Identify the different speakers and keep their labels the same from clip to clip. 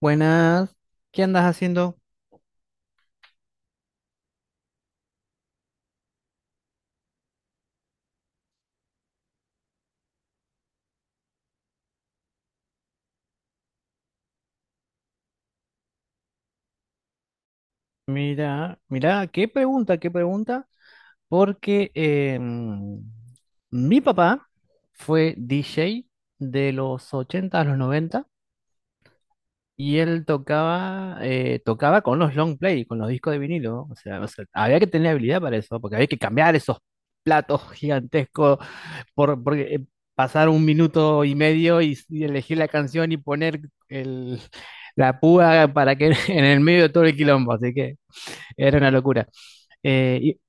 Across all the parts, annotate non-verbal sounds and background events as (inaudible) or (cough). Speaker 1: Buenas, ¿qué andas haciendo? Mira, mira, qué pregunta, porque mi papá fue DJ de los 80 a los noventa, y él tocaba con los long play, con los discos de vinilo. O sea, había que tener habilidad para eso, porque había que cambiar esos platos (laughs) gigantescos porque pasar un minuto y medio y elegir la canción y poner el, (laughs) la púa para que (laughs) en el medio de todo el quilombo, así que era una locura. Eh, y-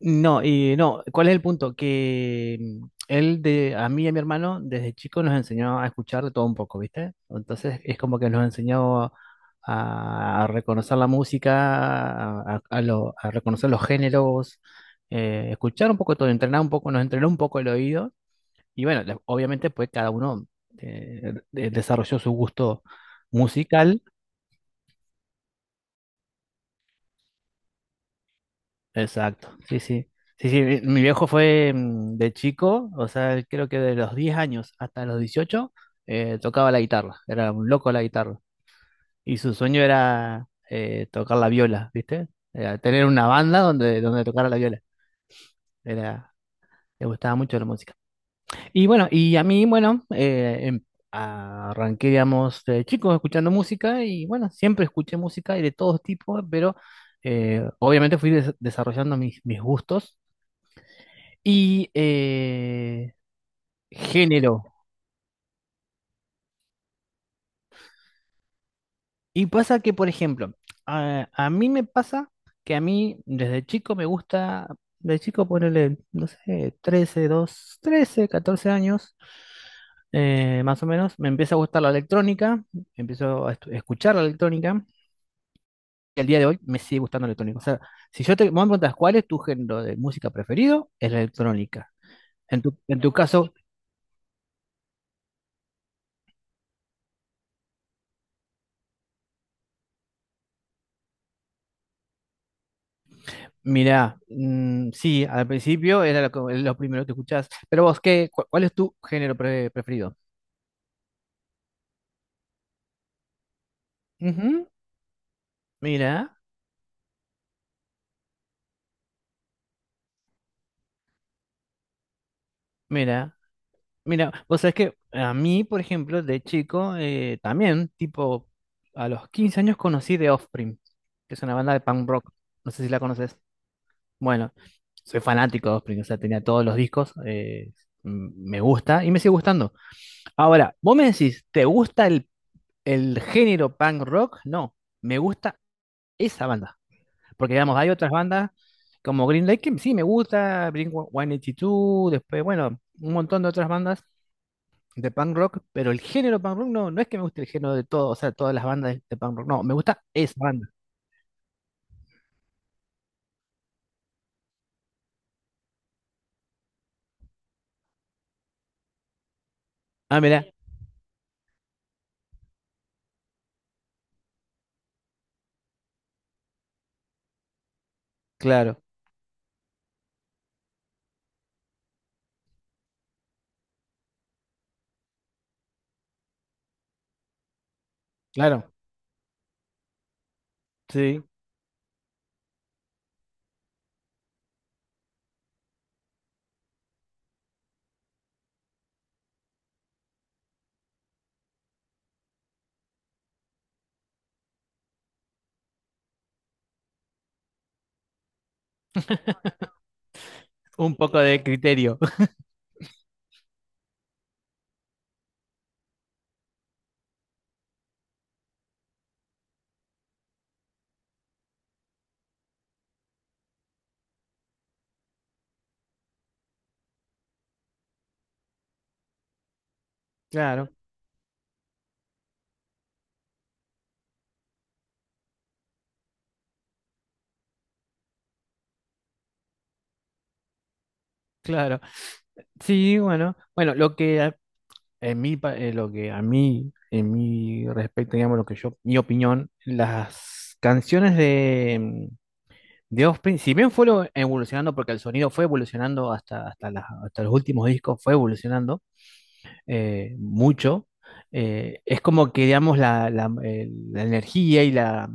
Speaker 1: no, y no, ¿cuál es el punto? Que a mí y a mi hermano desde chico nos enseñó a escuchar de todo un poco, ¿viste? Entonces es como que nos enseñó a reconocer la música, a reconocer los géneros, escuchar un poco todo, entrenar un poco, nos entrenó un poco el oído. Y bueno, obviamente pues cada uno desarrolló su gusto musical. Exacto, sí, sí. Sí, sí, mi viejo fue de chico. O sea, él creo que de los 10 años hasta los 18 tocaba la guitarra, era un loco la guitarra. Y su sueño era tocar la viola, ¿viste? Era tener una banda donde, tocara la viola. Era, le gustaba mucho la música. Y bueno, y a mí, bueno, arranqué, digamos, de chico escuchando música. Y bueno, siempre escuché música y de todo tipo, pero obviamente fui desarrollando mis gustos y género. Y pasa que, por ejemplo, a mí me pasa que a mí desde chico me gusta, de chico ponerle, no sé, 13 2 13 14 años, más o menos, me empieza a gustar la electrónica, empiezo a escuchar la electrónica, que al día de hoy me sigue gustando la electrónica. O sea, si yo te vos me preguntas cuál es tu género de música preferido, es la electrónica. En tu caso, mirá, sí, al principio era lo primero que escuchás. Pero vos, cuál es tu género preferido? Ujú. Mira, mira, mira, vos sabés que a mí, por ejemplo, de chico, también, tipo, a los 15 años conocí The Offspring, que es una banda de punk rock, no sé si la conoces. Bueno, soy fanático de Offspring. O sea, tenía todos los discos, me gusta y me sigue gustando. Ahora, vos me decís, ¿te gusta el género punk rock? No, me gusta esa banda. Porque, digamos, hay otras bandas como Green Day que sí me gusta, Blink-182, después, bueno, un montón de otras bandas de punk rock, pero el género punk rock no, no es que me guste el género de todo. O sea, todas las bandas de punk rock, no, me gusta esa banda. Ah, mira, claro, claro, sí, un poco de criterio. (laughs) Claro, claro. Sí, bueno, bueno, en mí, lo que a mí, en mi respecto, digamos, lo que yo, mi opinión, las canciones de Offspring, si bien fueron evolucionando, porque el sonido fue evolucionando hasta los últimos discos, fue evolucionando mucho. Es como que, digamos, la energía y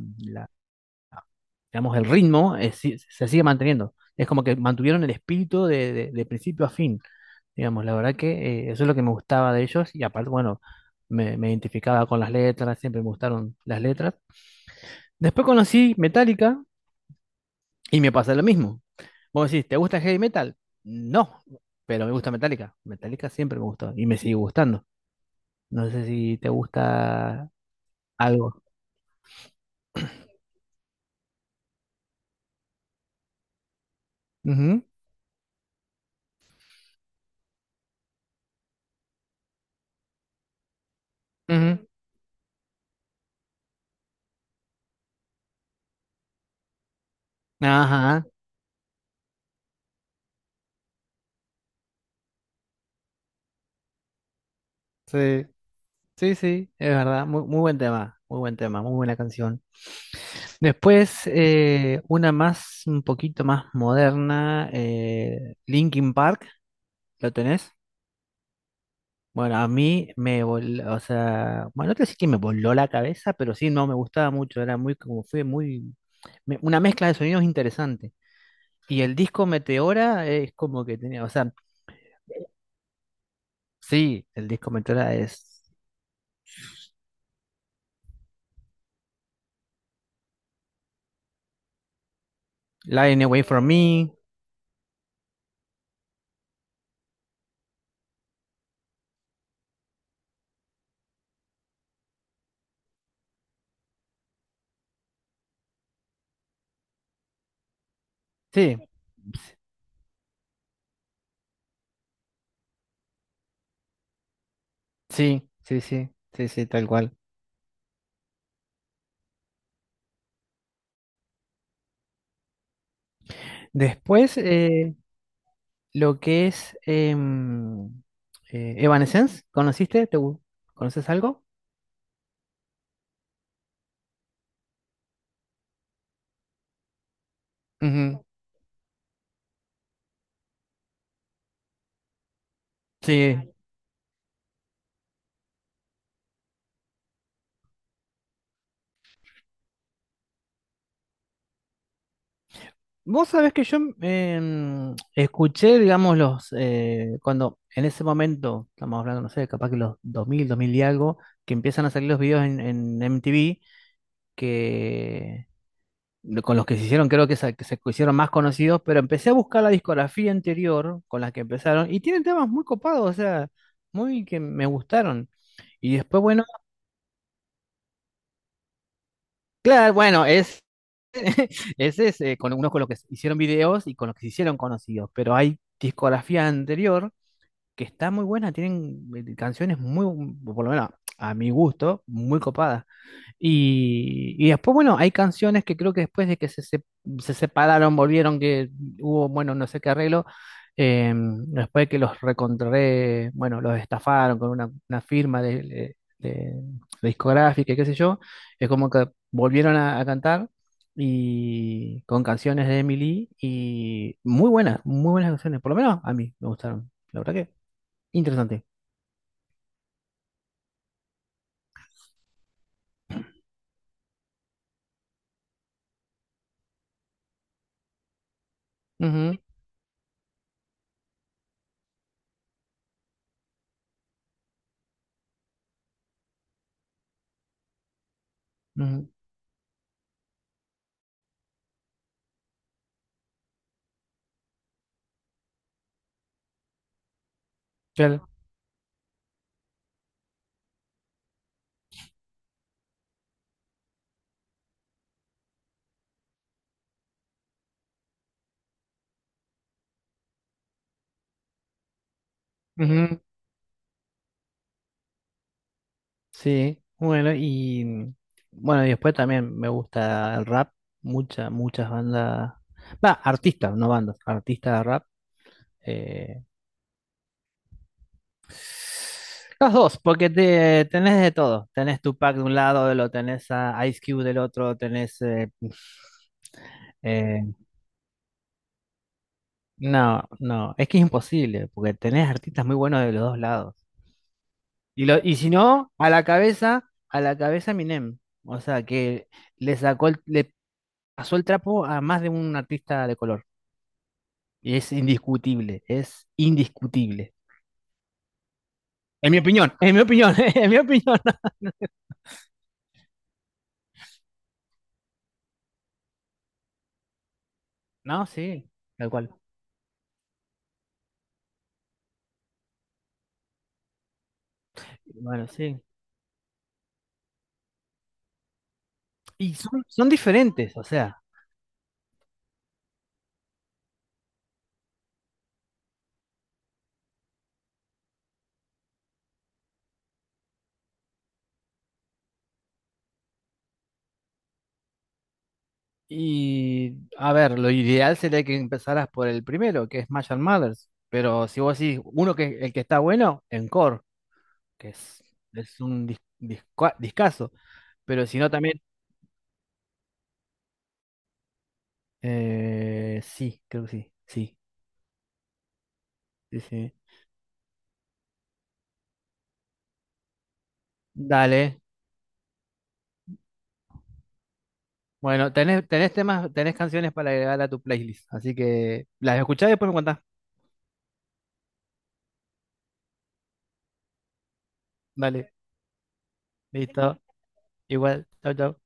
Speaker 1: digamos, el ritmo se sigue manteniendo. Es como que mantuvieron el espíritu de, de principio a fin. Digamos, la verdad que eso es lo que me gustaba de ellos. Y aparte, bueno, me identificaba con las letras, siempre me gustaron las letras. Después conocí Metallica y me pasa lo mismo. Vos decís, ¿te gusta el heavy metal? No, pero me gusta Metallica. Metallica siempre me gustó y me sigue gustando. No sé si te gusta algo. Ujú, ujú. Ajá, sí, sí, sí, es verdad. Muy, muy buen tema, muy buen tema, muy buena canción. Después, una más, un poquito más moderna, Linkin Park, ¿lo tenés? Bueno, a mí me voló. O sea, bueno, no te decir que me voló la cabeza, pero sí, no, me gustaba mucho. Era muy, como fue muy, una mezcla de sonidos interesante. Y el disco Meteora es como que tenía, o sea, sí, el disco Meteora es Lying Away From Me, sí, sí, sí, sí, sí, sí, tal cual. Después, lo que es Evanescence, ¿conociste? ¿Te, conoces algo? Ujú. Sí. Vos sabés que yo escuché, digamos, cuando en ese momento, estamos hablando, no sé, capaz que los dos mil dos mil y algo, que empiezan a salir los videos en MTV, que con los que se hicieron, creo que se hicieron más conocidos. Pero empecé a buscar la discografía anterior con las que empezaron, y tienen temas muy copados. O sea, muy que me gustaron. Y después, bueno, claro, bueno, es, ese es con uno con lo que hicieron videos y con los que se hicieron conocidos, pero hay discografía anterior que está muy buena. Tienen canciones muy, por lo menos a mi gusto, muy copadas. Y después, bueno, hay canciones que creo que después de que se separaron, volvieron, que hubo, bueno, no sé qué arreglo, después de que los recontré, bueno, los estafaron con una firma de, de discográfica y qué sé yo. Es como que volvieron a cantar y con canciones de Emily. Y muy buenas canciones, por lo menos a mí me gustaron, la verdad que interesante. Ujú, ujú, claro. Sí, bueno, y bueno, y después también me gusta el rap, muchas, muchas bandas, va, artistas, no bandas, artistas de rap. eh, los dos, porque te, tenés de todo, tenés Tupac de un lado, lo tenés a Ice Cube del otro, tenés... eh, no, no, es que es imposible, porque tenés artistas muy buenos de los dos lados. Y si no, a la cabeza Minem, o sea, que le sacó, le pasó el trapo a más de un artista de color. Y es indiscutible, es indiscutible. En mi opinión, (laughs) en mi opinión, (laughs) en mi opinión. No, sí, tal cual. Bueno, sí. Y son diferentes, o sea. Y a ver, lo ideal sería que empezaras por el primero, que es Smash and... Pero si vos decís uno que el que está bueno, Encore, que es un discazo. Pero si no, también. Sí, creo que sí. Sí, sí, sí. Dale. Bueno, tenés, tenés temas, tenés canciones para agregar a tu playlist, así que las escuchás y después me contás. Vale, listo. Igual, chau, chau.